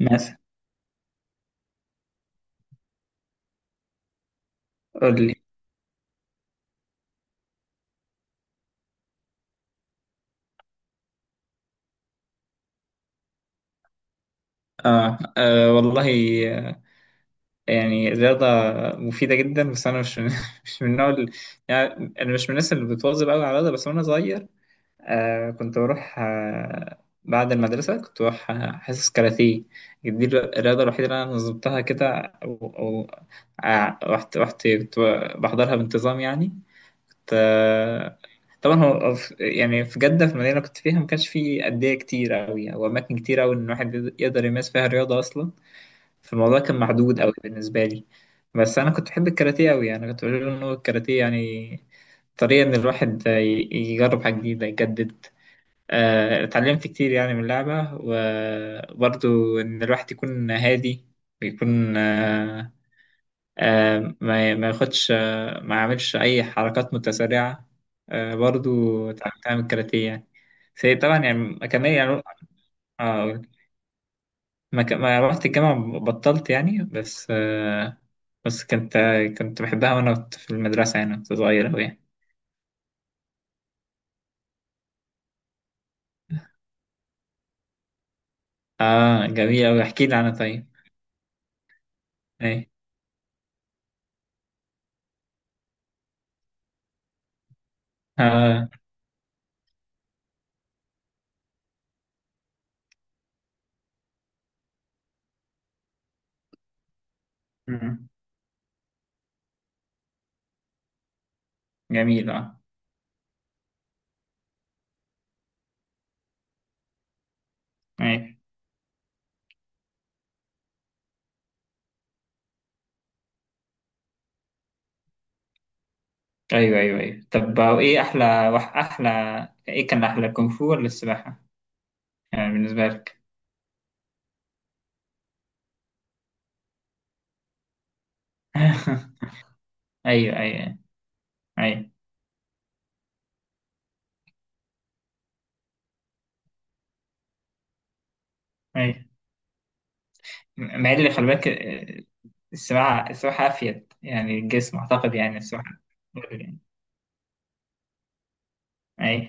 مثلا. قول لي. آه، آه والله. آه، يعني الرياضة مفيدة جدا، بس أنا مش من مش من النوع اللي- يعني أنا مش من الناس اللي بتواظب أوي على الرياضة، بس وأنا صغير كنت بروح بعد المدرسة كنت بروح حصص كاراتيه. دي الرياضة الوحيدة اللي أنا نظمتها كده، أو رحت كنت بحضرها بانتظام يعني. آه، طبعا هو يعني في جدة، في المدينة اللي كنت فيها ما كانش في أندية كتير أوي أو أماكن كتير أوي إن الواحد يقدر يمارس فيها رياضة أصلا. فالموضوع كان محدود أوي بالنسبة لي. بس أنا كنت بحب الكاراتيه أوي. أنا كنت بقول إن هو الكاراتيه يعني طريقة إن الواحد يجرب حاجة جديدة، يجدد. اتعلمت كتير يعني من اللعبة، وبرضو إن الواحد يكون هادي، ويكون ما ياخدش، ما يعملش اي حركات متسرعه. برضو اتعلمتها من الكاراتيه يعني. في طبعا يعني كمان يعني. آه، ما رحت الجامعه بطلت يعني. بس كنت بحبها وانا كنت في المدرسه يعني. كنت صغير اوي يعني. اه جميل اوي، احكي لي عنها طيب. ايه. اه. مم. جميل اه. ايه. ايوه ايوه ايوه، طب ايه احلى احلى، ايه كان احلى كونغ فو ولا السباحه، يعني بالنسبه لك؟ ايوه ايوه ايوه ايوه. مع اللي خلي بالك. السباحة السباحة أفيد يعني الجسم أعتقد، يعني السباحة، يعني أي.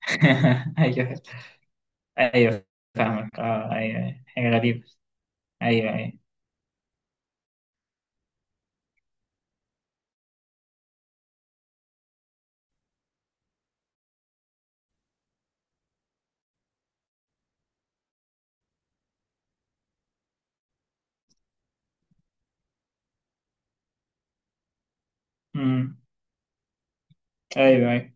أيوه أيوه فاهمك. أه. أيوه أيوة. حاجة غريبة. أيوه أيوه. أمم. أيوه أيوه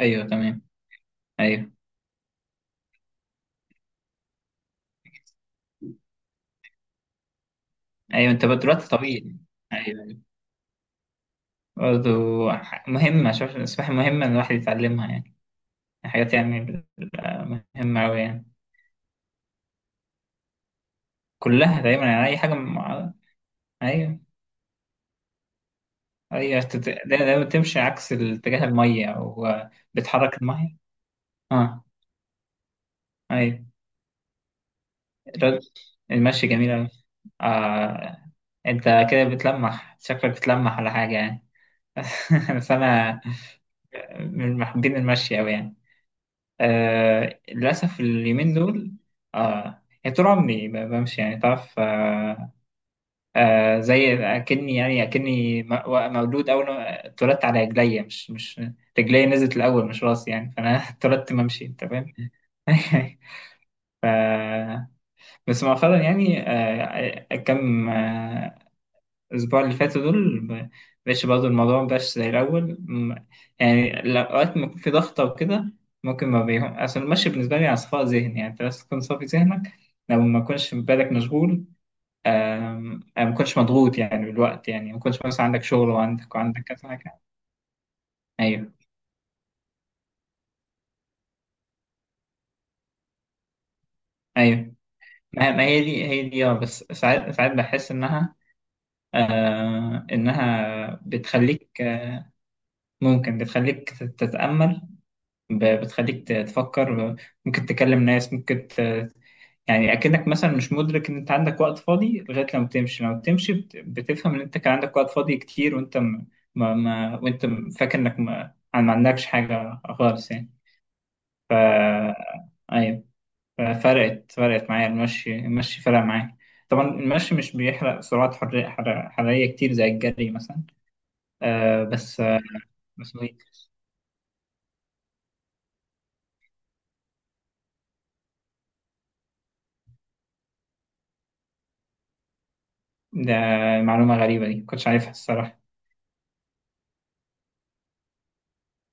أيوه. تمام. أيوه أيوه. أنت بقى دلوقتي طويل. أيوه أيوه برضه. مهمة. شوف، السباحة مهمة إن الواحد يتعلمها يعني. حاجات يعني بتبقى مهمة أوي يعني. كلها دايما يعني، أي حاجة مع... أيوه. هي ده بتمشي عكس اتجاه المية أو بتحرك المية. اه. أيوة. الرد- المشي جميل أوي. آه. أنت كده بتلمح، شكلك بتلمح على حاجة يعني. بس أنا من محبين المشي أوي يعني. آه. للأسف اليومين دول. آه. يعني طول عمري بمشي يعني، تعرف. آه. آه زي اكني يعني مولود، اول ما اتولدت على رجليا، مش رجليا نزلت الاول مش راسي يعني. فانا اتولدت ممشي، انت فاهم. بس مؤخرا يعني، كم الاسبوع اللي فاتوا دول بقاش برضه، الموضوع مبقاش زي الاول يعني الاوقات ما يكون في ضغطه وكده، ممكن ما بيهم. اصل المشي بالنسبه لي على صفاء ذهن يعني، انت بس تكون صافي ذهنك، لو ما كنتش بالك مشغول. أنا ما كنتش مضغوط يعني بالوقت يعني، ما كنتش مثلا عندك شغل وعندك كذا حاجة. أيوه أيوه. ما هي دي هي دي، أه. بس ساعات ساعات بحس إنها بتخليك، آه ممكن بتخليك تتأمل، بتخليك تفكر، ممكن تكلم ناس ممكن ت... يعني أكنك مثلا مش مدرك إن أنت عندك وقت فاضي لغاية لما بتمشي. لما بتمشي بتفهم إن أنت كان عندك وقت فاضي كتير، وأنت م... ما... ما... وأنت فاكر إنك ما... ما عندكش حاجة خالص يعني. ف ايوه، فرقت معايا المشي. المشي فرق معايا. طبعا المشي مش بيحرق سعرات حرارية حرارية كتير زي الجري مثلا. آه بس آه بس إيه؟ ده معلومة غريبة، دي مكنتش عارفها الصراحة.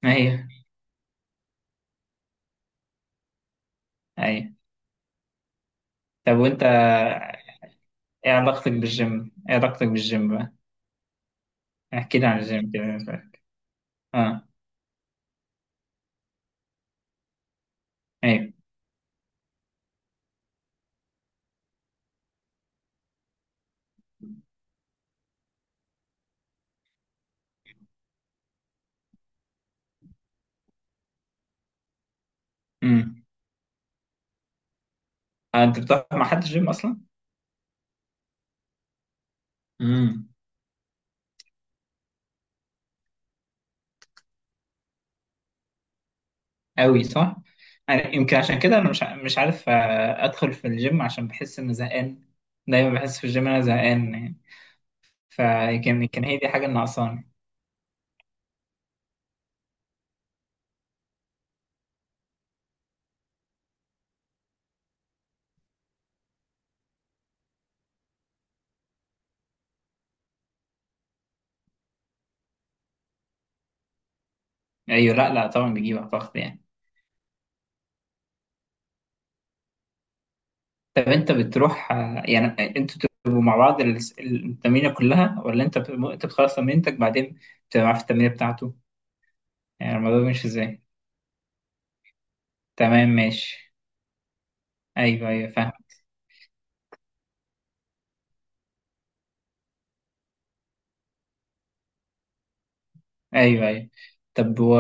ايوه ايوه. طب وانت، ايه علاقتك بالجيم؟ ايه علاقتك بالجيم بقى؟ احكي لي عن الجيم كده. اه. ايوه. امم. آه، انت بتروح مع حد الجيم اصلا؟ امم. قوي صح. يعني يمكن عشان كده انا مش عارف ادخل في الجيم، عشان بحس اني زهقان. دايما بحس في الجيم انا زهقان يعني. فيمكن كان هي دي حاجه اللي ناقصاني. ايوه. لا لا طبعا بيجيب اعتقد يعني. طب انت بتروح يعني، انتوا بتبقوا مع بعض التمرينه كلها، ولا انت انت بتخلص تمرينتك بعدين، بتبقى معاه في التمرينه بتاعته؟ يعني الموضوع ماشي ازاي؟ تمام ماشي. ايوه ايوه فاهم. ايوه ايوه. طب و،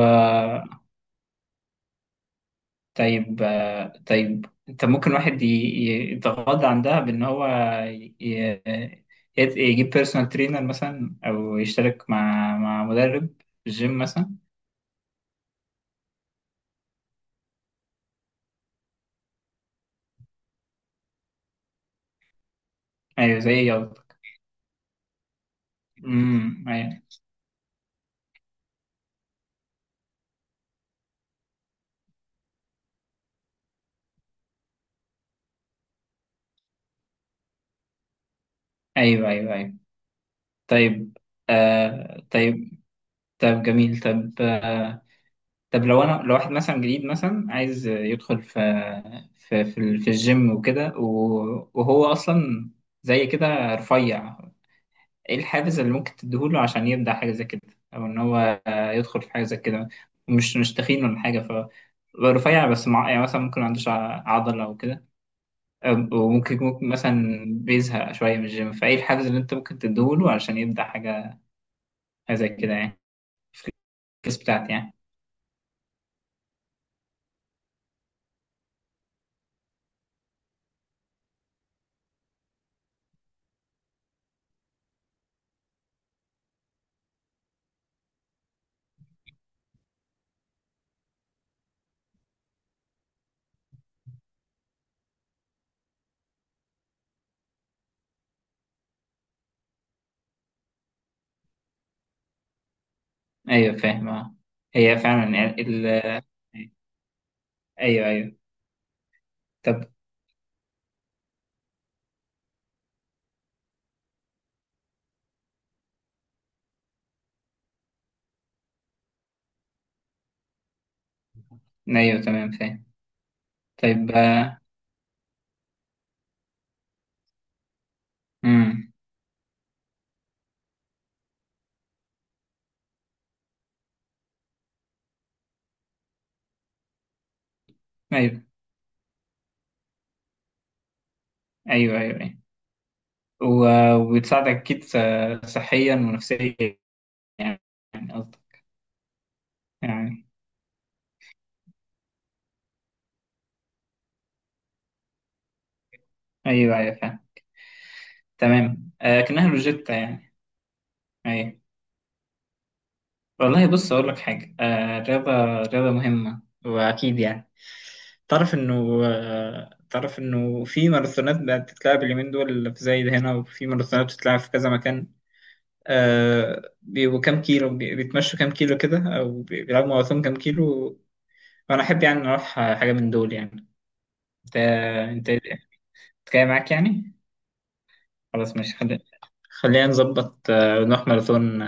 طيب طيب، انت ممكن واحد يتغاضى عن ده، بان هو ي- ي- يجيب بيرسونال ترينر مثلا، او يشترك مع مدرب في الجيم مثلا. ايوه زي يوضك. امم. ايوه ايوه ايوه ايوه. طيب. آه طيب. طب جميل. طب آه. طب لو انا، لو واحد مثلا جديد مثلا عايز يدخل في في الجيم وكده، وهو اصلا زي كده رفيع، ايه الحافز اللي ممكن تديهوله عشان يبدأ حاجة زي كده، او ان هو يدخل في حاجة زي كده، مش تخين ولا حاجة، ف رفيع بس مع... يعني مثلا ممكن ما عندوش عضلة او كده. وممكن مثلا بيزهق شوية من الجيم، فايه الحافز اللي انت ممكن تديهوله عشان يبدأ حاجة زي كده يعني، في الكيس بتاعتي يعني؟ ايوه فاهم. آه. هي فعلا يعني ال... ايوه ايوه. طب. ايوه تمام فاهم. طيب. امم. ايوه ايوه ايوه. وبتساعدك أكيد، صحيا ونفسيا يعني، يعني قصدي يعني. أيوه أيوه فاهم. تمام. آه كأنها روجيتا يعني. أيوه. والله بص أقول لك حاجة، آه الرياضة رياضة مهمة وأكيد يعني. تعرف إنه، في ماراثونات بقت تتلعب اليومين دول في زايد هنا، وفي ماراثونات بتتلعب في كذا مكان. آه بيبقوا كام كيلو بيتمشوا كام كيلو كده، أو بيلعبوا ماراثون كام كيلو. وأنا أحب يعني أروح حاجة من دول يعني. انت، انت جاي معاك يعني. خلاص ماشي، خلينا نظبط، نروح ماراثون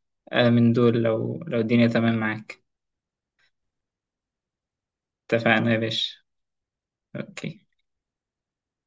من دول، لو الدنيا تمام معاك. اتفقنا يا باشا. اوكي.